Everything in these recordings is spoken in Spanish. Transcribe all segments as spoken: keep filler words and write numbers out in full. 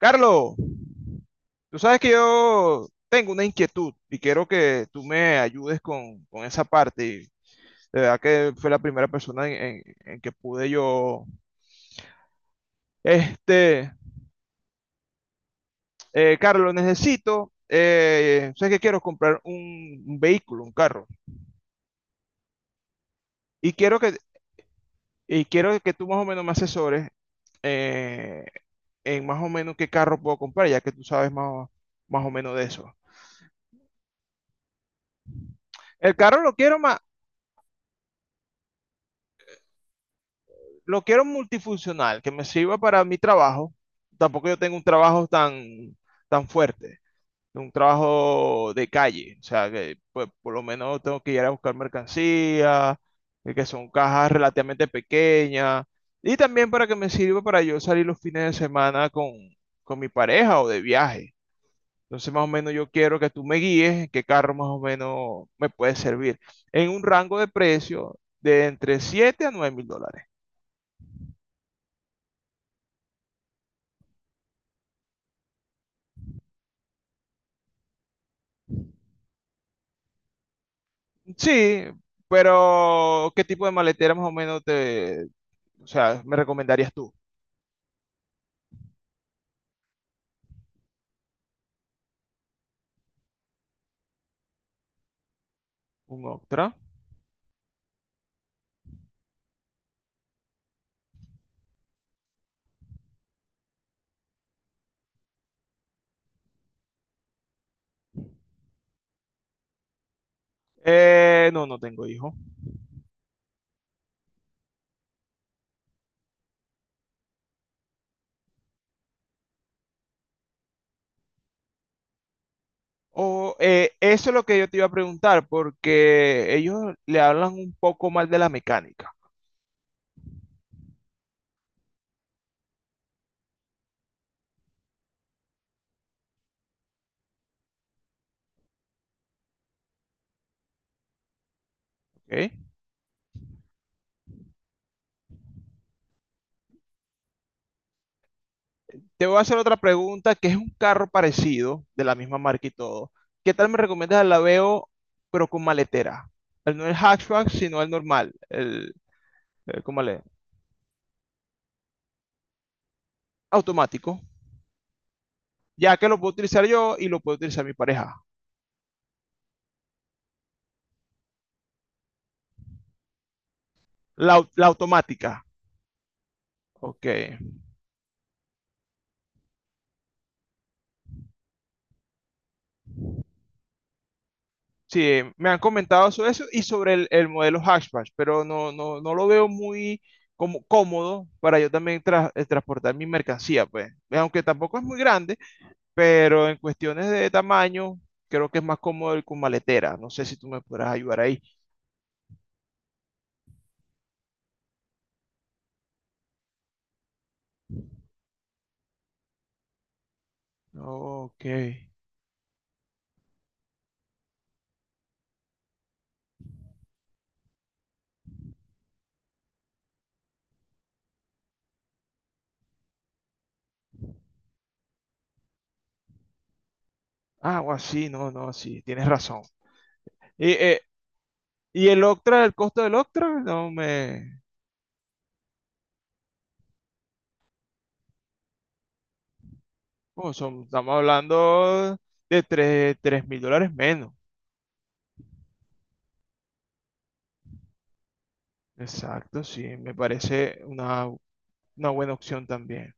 Carlos, tú sabes que yo tengo una inquietud y quiero que tú me ayudes con, con esa parte. Y de verdad que fue la primera persona en, en- en que pude yo. Este, eh, Carlos, necesito, eh, sé que quiero comprar un, un vehículo, un carro, y quiero que, y quiero que tú más o menos me asesores eh, en más o menos qué carro puedo comprar, ya que tú sabes más, o- más o menos de eso. El carro lo quiero ma- lo quiero multifuncional, que me sirva para mi trabajo. Tampoco yo tengo un trabajo tan, tan fuerte, un trabajo de calle. O sea, que pues, por lo menos tengo que ir a buscar mercancía, eh, que son cajas relativamente pequeñas. Y también para que me sirva para yo salir los fines de semana con, con mi pareja o de viaje. Entonces, más o menos yo quiero que tú me guíes en qué carro más o menos me puede servir. En un rango de precio de entre siete a nueve mil dólares. Sí, pero ¿qué tipo de maletera más o menos te, o sea, me recomendarías tú? ¿Un Octra? Eh, no, no tengo hijo. O, eh, eso es lo que yo te iba a preguntar, porque ellos le hablan un poco mal de la mecánica, ¿ok? Te voy a hacer otra pregunta, que es un carro parecido, de la misma marca y todo. ¿Qué tal me recomiendas el Laveo, pero con maletera? El, no el hatchback, sino el normal, el, el ¿cómo le? Automático, ya que lo puedo utilizar yo y lo puedo utilizar mi pareja. La, la automática. Ok. Sí, me han comentado sobre eso y sobre el, el modelo hatchback, pero no, no, no lo veo muy como cómodo para yo también tra- eh, transportar mi mercancía, pues. Aunque tampoco es muy grande, pero en cuestiones de tamaño, creo que es más cómodo el con maletera. No sé si tú me podrás ayudar ahí. Ok. Ah, o así, no, no, sí, tienes razón. Y, eh, ¿y el Octra, el costo del Octra? No me... Oh, son- estamos hablando de tres mil dólares menos. Exacto, sí, me parece una, una buena opción también.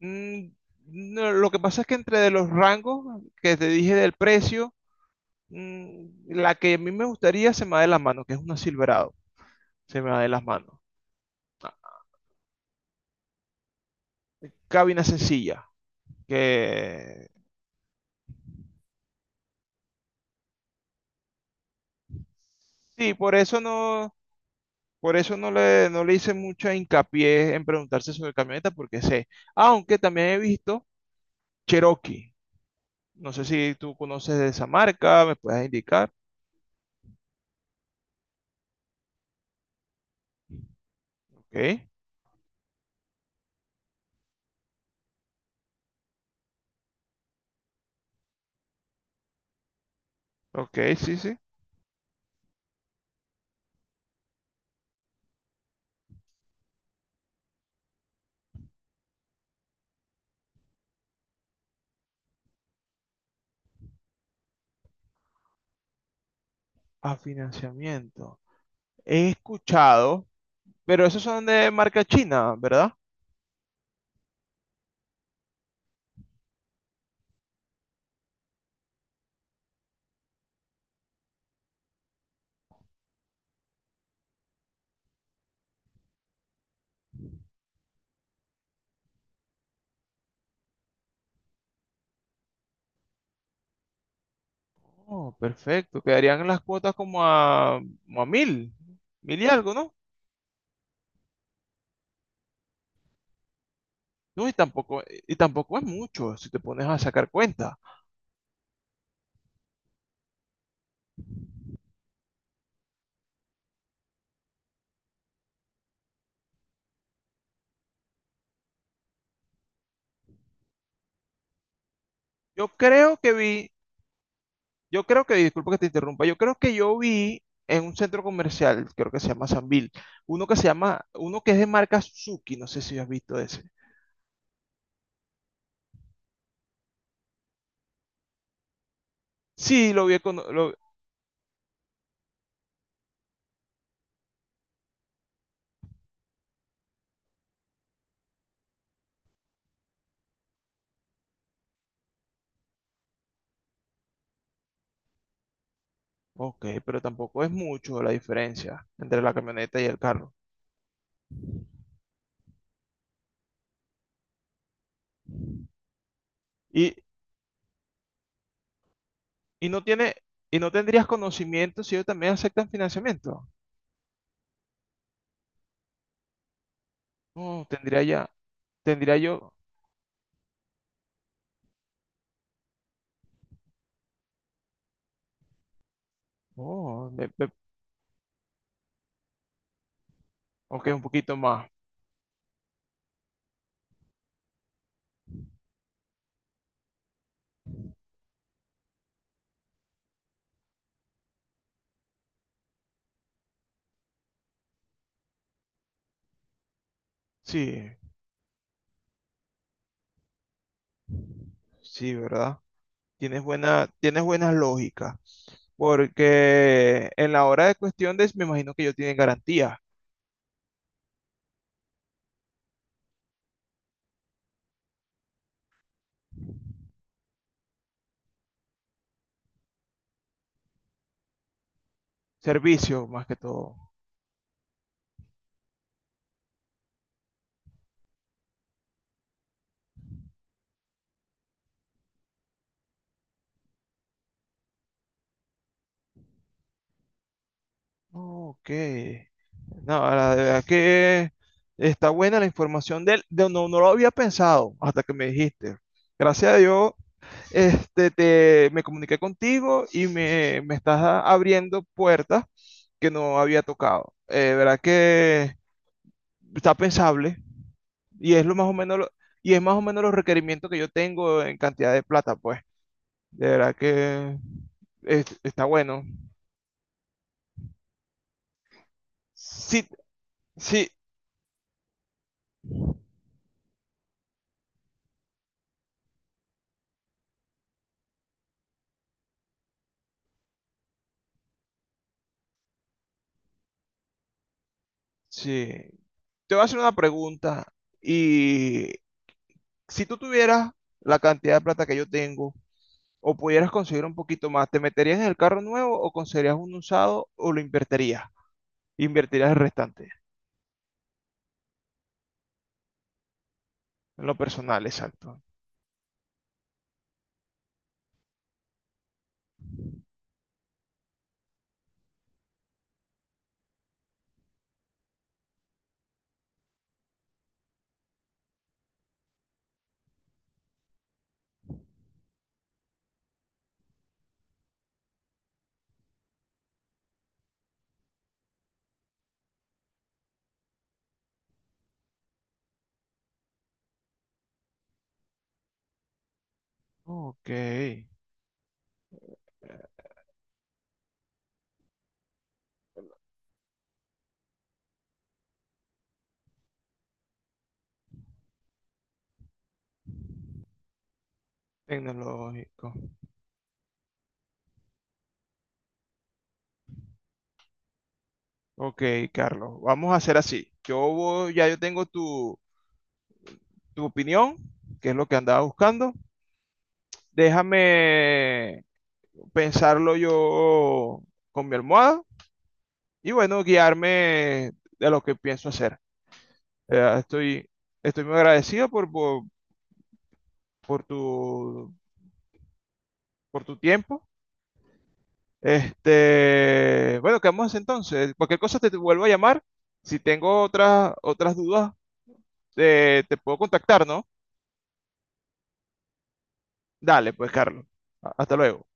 Mm, no, lo que pasa es que entre de los rangos que te dije del precio, mm, la que a mí me gustaría se me va de las manos, que es una Silverado, se me va de las manos. Cabina sencilla, que sí, por eso no, por eso no le, no le hice mucha hincapié en preguntarse sobre camioneta, porque sé, aunque también he visto Cherokee. No sé si tú conoces de esa marca, me puedes indicar. Ok, ok, sí, sí. A financiamiento. He escuchado, pero esos son de marca china, ¿verdad? Oh, perfecto. Quedarían las cuotas como a, como a mil, mil y algo, ¿no? No, y tampoco, y tampoco es mucho si te pones a sacar cuenta. Yo creo que vi Yo creo que, disculpa que te interrumpa, yo creo que yo vi en un centro comercial, creo que se llama Sambil, uno que se llama, uno que es de marca Suzuki, no sé si has visto ese. Sí, lo vi con, lo- Ok, pero tampoco es mucho la diferencia entre la camioneta y el carro. Y, y no tiene, y no tendrías conocimiento si ellos también aceptan financiamiento. No, tendría ya, tendría yo, oh, me- me- Ok, un poquito más. Sí, sí, ¿verdad? Tienes buena, tienes buena lógica. Porque en la hora de cuestiones me imagino que ellos tienen garantía, servicio más que todo. Oh, ok. No, la verdad que está buena la información de De- no, no lo había pensado hasta que me dijiste. Gracias a Dios, este, te, me comuniqué contigo y me, me estás a- abriendo puertas que no había tocado. Eh, verdad que está pensable y es lo más o menos lo- Y es más o menos los requerimientos que yo tengo en cantidad de plata, pues. De verdad que es- está bueno. Sí, sí, sí. Te voy a hacer una pregunta. Y si tú tuvieras la cantidad de plata que yo tengo, o pudieras conseguir un poquito más, ¿te meterías en el carro nuevo o conseguirías un usado o lo invertirías? Invertirías el restante. En lo personal, exacto. Ok, tecnológico. Ok, Carlos, vamos a hacer así. Yo voy- ya yo tengo tu, tu opinión, que es lo que andaba buscando. Déjame pensarlo yo con mi almohada y bueno, guiarme de lo que pienso hacer. Eh, estoy, estoy muy agradecido por, por, por tu, por tu tiempo. Este, bueno, quedamos así entonces. Cualquier cosa te, te vuelvo a llamar. Si tengo otras, otras dudas, te, te puedo contactar, ¿no? Dale, pues, Carlos. Hasta luego.